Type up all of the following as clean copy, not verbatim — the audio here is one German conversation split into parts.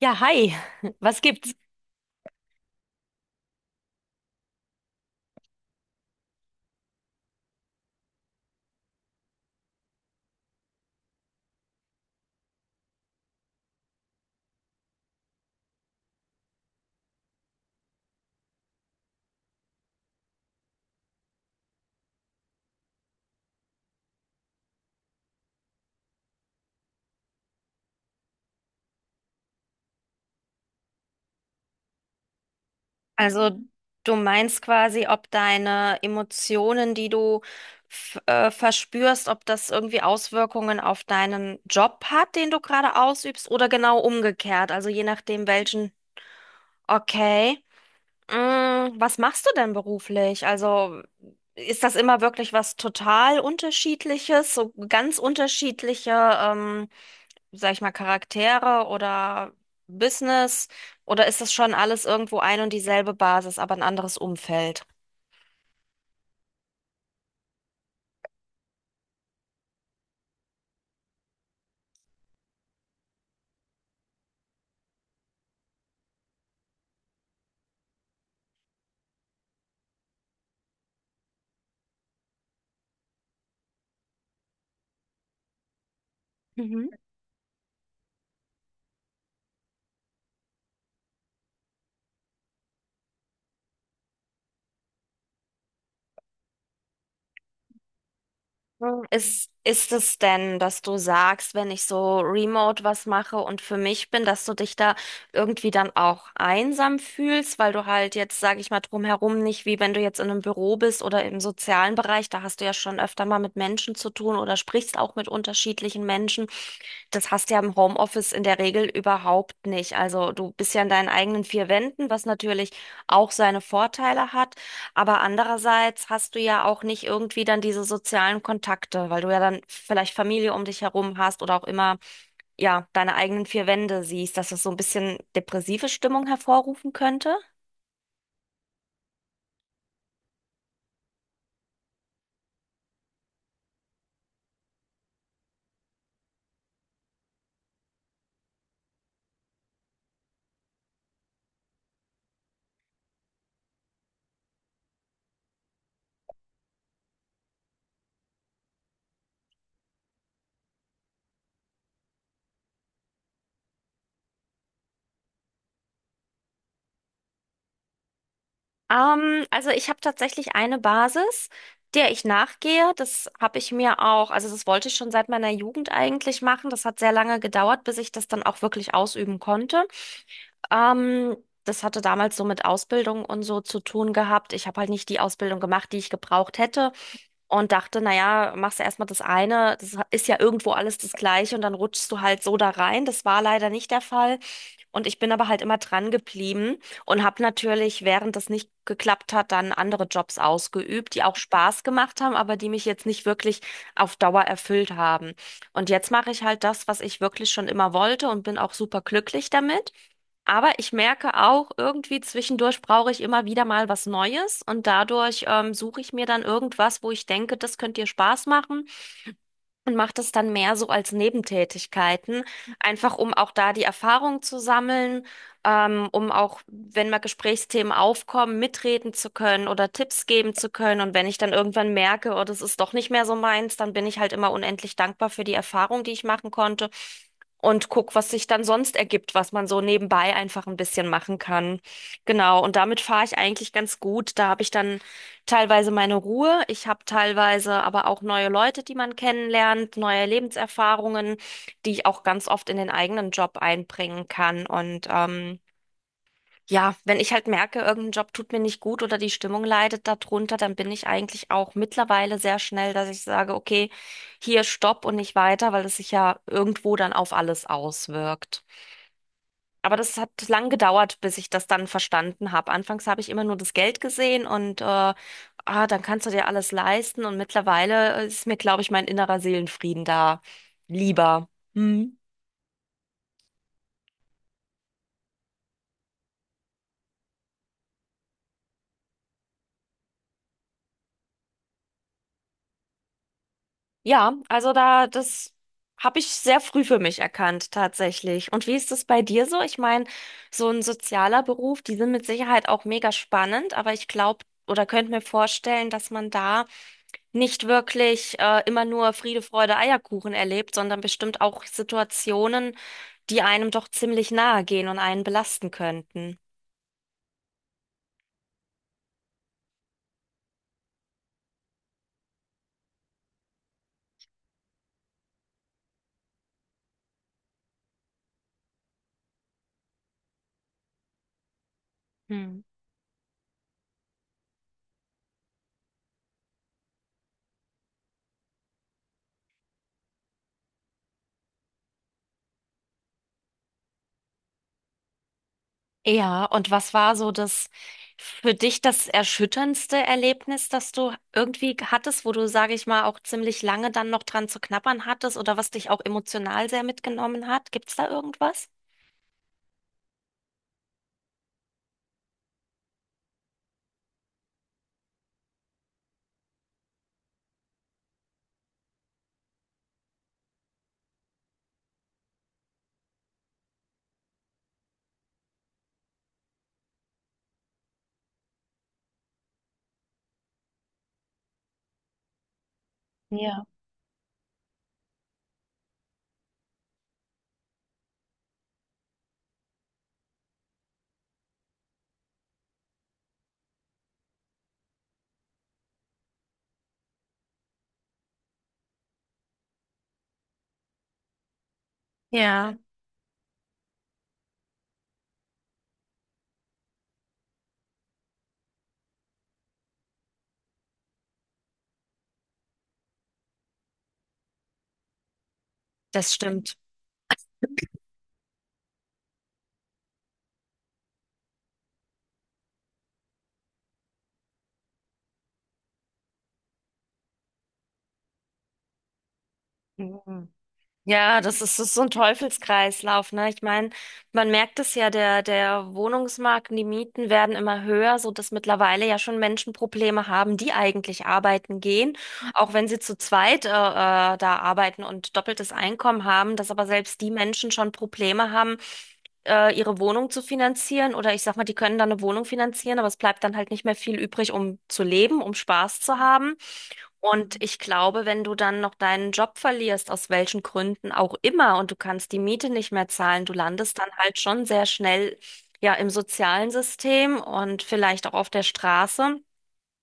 Ja, hi. Was gibt's? Also du meinst quasi, ob deine Emotionen, die du verspürst, ob das irgendwie Auswirkungen auf deinen Job hat, den du gerade ausübst, oder genau umgekehrt, also je nachdem welchen. Okay. Mm, Was machst du denn beruflich? Also ist das immer wirklich was total Unterschiedliches, so ganz unterschiedliche sag ich mal, Charaktere oder Business? Oder ist das schon alles irgendwo ein und dieselbe Basis, aber ein anderes Umfeld? Hm. Ist es denn, dass du sagst, wenn ich so remote was mache und für mich bin, dass du dich da irgendwie dann auch einsam fühlst, weil du halt jetzt, sage ich mal, drumherum nicht, wie wenn du jetzt in einem Büro bist oder im sozialen Bereich, da hast du ja schon öfter mal mit Menschen zu tun oder sprichst auch mit unterschiedlichen Menschen. Das hast du ja im Homeoffice in der Regel überhaupt nicht. Also du bist ja in deinen eigenen vier Wänden, was natürlich auch seine Vorteile hat. Aber andererseits hast du ja auch nicht irgendwie dann diese sozialen Kontakte, weil du ja dann vielleicht Familie um dich herum hast oder auch immer, ja, deine eigenen vier Wände siehst, dass das so ein bisschen depressive Stimmung hervorrufen könnte. Also ich habe tatsächlich eine Basis, der ich nachgehe. Das habe ich mir auch, also das wollte ich schon seit meiner Jugend eigentlich machen. Das hat sehr lange gedauert, bis ich das dann auch wirklich ausüben konnte. Ähm, Das hatte damals so mit Ausbildung und so zu tun gehabt. Ich habe halt nicht die Ausbildung gemacht, die ich gebraucht hätte und dachte, naja, machst du erstmal das eine, das ist ja irgendwo alles das Gleiche und dann rutschst du halt so da rein. Das war leider nicht der Fall. Und ich bin aber halt immer dran geblieben und habe natürlich, während das nicht geklappt hat, dann andere Jobs ausgeübt, die auch Spaß gemacht haben, aber die mich jetzt nicht wirklich auf Dauer erfüllt haben. Und jetzt mache ich halt das, was ich wirklich schon immer wollte und bin auch super glücklich damit. Aber ich merke auch, irgendwie zwischendurch brauche ich immer wieder mal was Neues und dadurch suche ich mir dann irgendwas, wo ich denke, das könnte dir Spaß machen und macht es dann mehr so als Nebentätigkeiten, einfach um auch da die Erfahrung zu sammeln, um auch, wenn mal Gesprächsthemen aufkommen, mitreden zu können oder Tipps geben zu können. Und wenn ich dann irgendwann merke, oh, das ist doch nicht mehr so meins, dann bin ich halt immer unendlich dankbar für die Erfahrung, die ich machen konnte und guck, was sich dann sonst ergibt, was man so nebenbei einfach ein bisschen machen kann. Genau, und damit fahre ich eigentlich ganz gut. Da habe ich dann teilweise meine Ruhe, ich habe teilweise aber auch neue Leute, die man kennenlernt, neue Lebenserfahrungen, die ich auch ganz oft in den eigenen Job einbringen kann. Und ja, wenn ich halt merke, irgendein Job tut mir nicht gut oder die Stimmung leidet darunter, dann bin ich eigentlich auch mittlerweile sehr schnell, dass ich sage, okay, hier stopp und nicht weiter, weil es sich ja irgendwo dann auf alles auswirkt. Aber das hat lang gedauert, bis ich das dann verstanden habe. Anfangs habe ich immer nur das Geld gesehen und dann kannst du dir alles leisten. Und mittlerweile ist mir, glaube ich, mein innerer Seelenfrieden da lieber. Hm. Ja, also da, das habe ich sehr früh für mich erkannt, tatsächlich. Und wie ist das bei dir so? Ich meine, so ein sozialer Beruf, die sind mit Sicherheit auch mega spannend, aber ich glaube oder könnte mir vorstellen, dass man da nicht wirklich immer nur Friede, Freude, Eierkuchen erlebt, sondern bestimmt auch Situationen, die einem doch ziemlich nahe gehen und einen belasten könnten. Hm. Ja, und was war so das für dich das erschütterndste Erlebnis, das du irgendwie hattest, wo du, sage ich mal, auch ziemlich lange dann noch dran zu knabbern hattest oder was dich auch emotional sehr mitgenommen hat? Gibt's da irgendwas? Ja. Ja, das stimmt. Ja, das ist so ein Teufelskreislauf, ne? Ich meine, man merkt es ja, der Wohnungsmarkt, und die Mieten werden immer höher, so dass mittlerweile ja schon Menschen Probleme haben, die eigentlich arbeiten gehen, auch wenn sie zu zweit da arbeiten und doppeltes Einkommen haben, dass aber selbst die Menschen schon Probleme haben, ihre Wohnung zu finanzieren oder ich sag mal, die können dann eine Wohnung finanzieren, aber es bleibt dann halt nicht mehr viel übrig, um zu leben, um Spaß zu haben. Und ich glaube, wenn du dann noch deinen Job verlierst, aus welchen Gründen auch immer, und du kannst die Miete nicht mehr zahlen, du landest dann halt schon sehr schnell ja im sozialen System und vielleicht auch auf der Straße.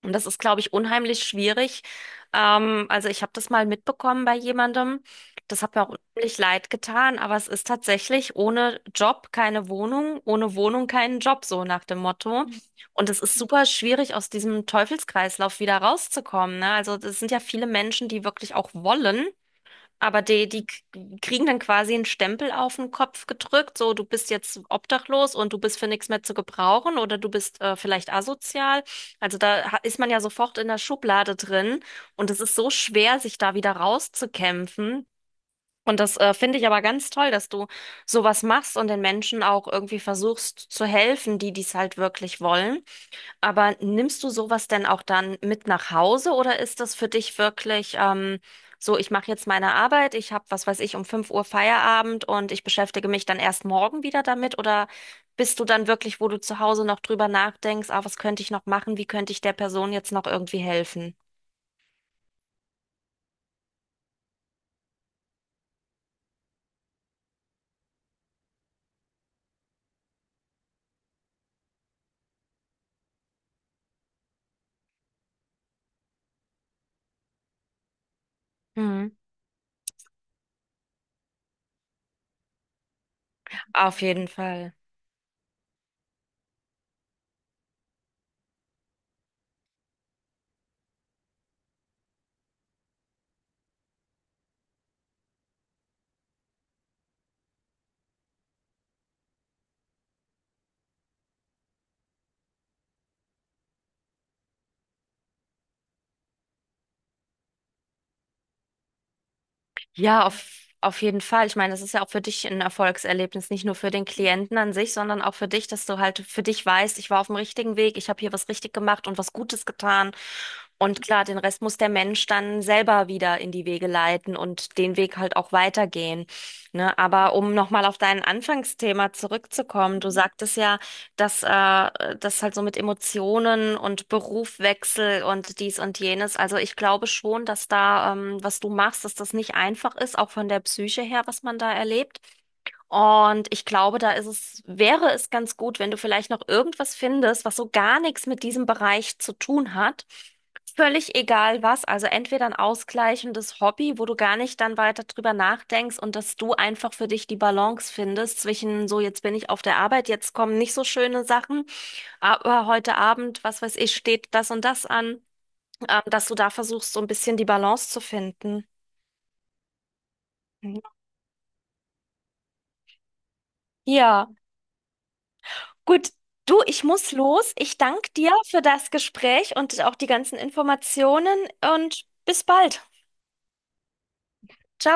Und das ist, glaube ich, unheimlich schwierig. Also ich habe das mal mitbekommen bei jemandem. Das hat mir auch unheimlich leid getan, aber es ist tatsächlich ohne Job keine Wohnung, ohne Wohnung keinen Job, so nach dem Motto. Und es ist super schwierig, aus diesem Teufelskreislauf wieder rauszukommen, ne? Also es sind ja viele Menschen, die wirklich auch wollen. Aber die kriegen dann quasi einen Stempel auf den Kopf gedrückt, so du bist jetzt obdachlos und du bist für nichts mehr zu gebrauchen oder du bist vielleicht asozial. Also da ist man ja sofort in der Schublade drin und es ist so schwer, sich da wieder rauszukämpfen. Und das finde ich aber ganz toll, dass du sowas machst und den Menschen auch irgendwie versuchst zu helfen, die dies halt wirklich wollen. Aber nimmst du sowas denn auch dann mit nach Hause oder ist das für dich wirklich so, ich mache jetzt meine Arbeit, ich habe, was weiß ich, um 5 Uhr Feierabend und ich beschäftige mich dann erst morgen wieder damit? Oder bist du dann wirklich, wo du zu Hause noch drüber nachdenkst, ah, was könnte ich noch machen, wie könnte ich der Person jetzt noch irgendwie helfen? Mhm. Auf jeden Fall. Ja, auf jeden Fall. Ich meine, das ist ja auch für dich ein Erfolgserlebnis, nicht nur für den Klienten an sich, sondern auch für dich, dass du halt für dich weißt, ich war auf dem richtigen Weg, ich habe hier was richtig gemacht und was Gutes getan. Und klar, den Rest muss der Mensch dann selber wieder in die Wege leiten und den Weg halt auch weitergehen. Ne? Aber um nochmal auf dein Anfangsthema zurückzukommen, du sagtest ja, dass das halt so mit Emotionen und Berufwechsel und dies und jenes. Also ich glaube schon, dass da, was du machst, dass das nicht einfach ist, auch von der Psyche her, was man da erlebt. Und ich glaube, da ist es, wäre es ganz gut, wenn du vielleicht noch irgendwas findest, was so gar nichts mit diesem Bereich zu tun hat. Völlig egal was, also entweder ein ausgleichendes Hobby, wo du gar nicht dann weiter drüber nachdenkst und dass du einfach für dich die Balance findest zwischen so, jetzt bin ich auf der Arbeit, jetzt kommen nicht so schöne Sachen, aber heute Abend, was weiß ich, steht das und das an, dass du da versuchst, so ein bisschen die Balance zu finden. Ja, gut. Du, ich muss los. Ich danke dir für das Gespräch und auch die ganzen Informationen und bis bald. Ciao.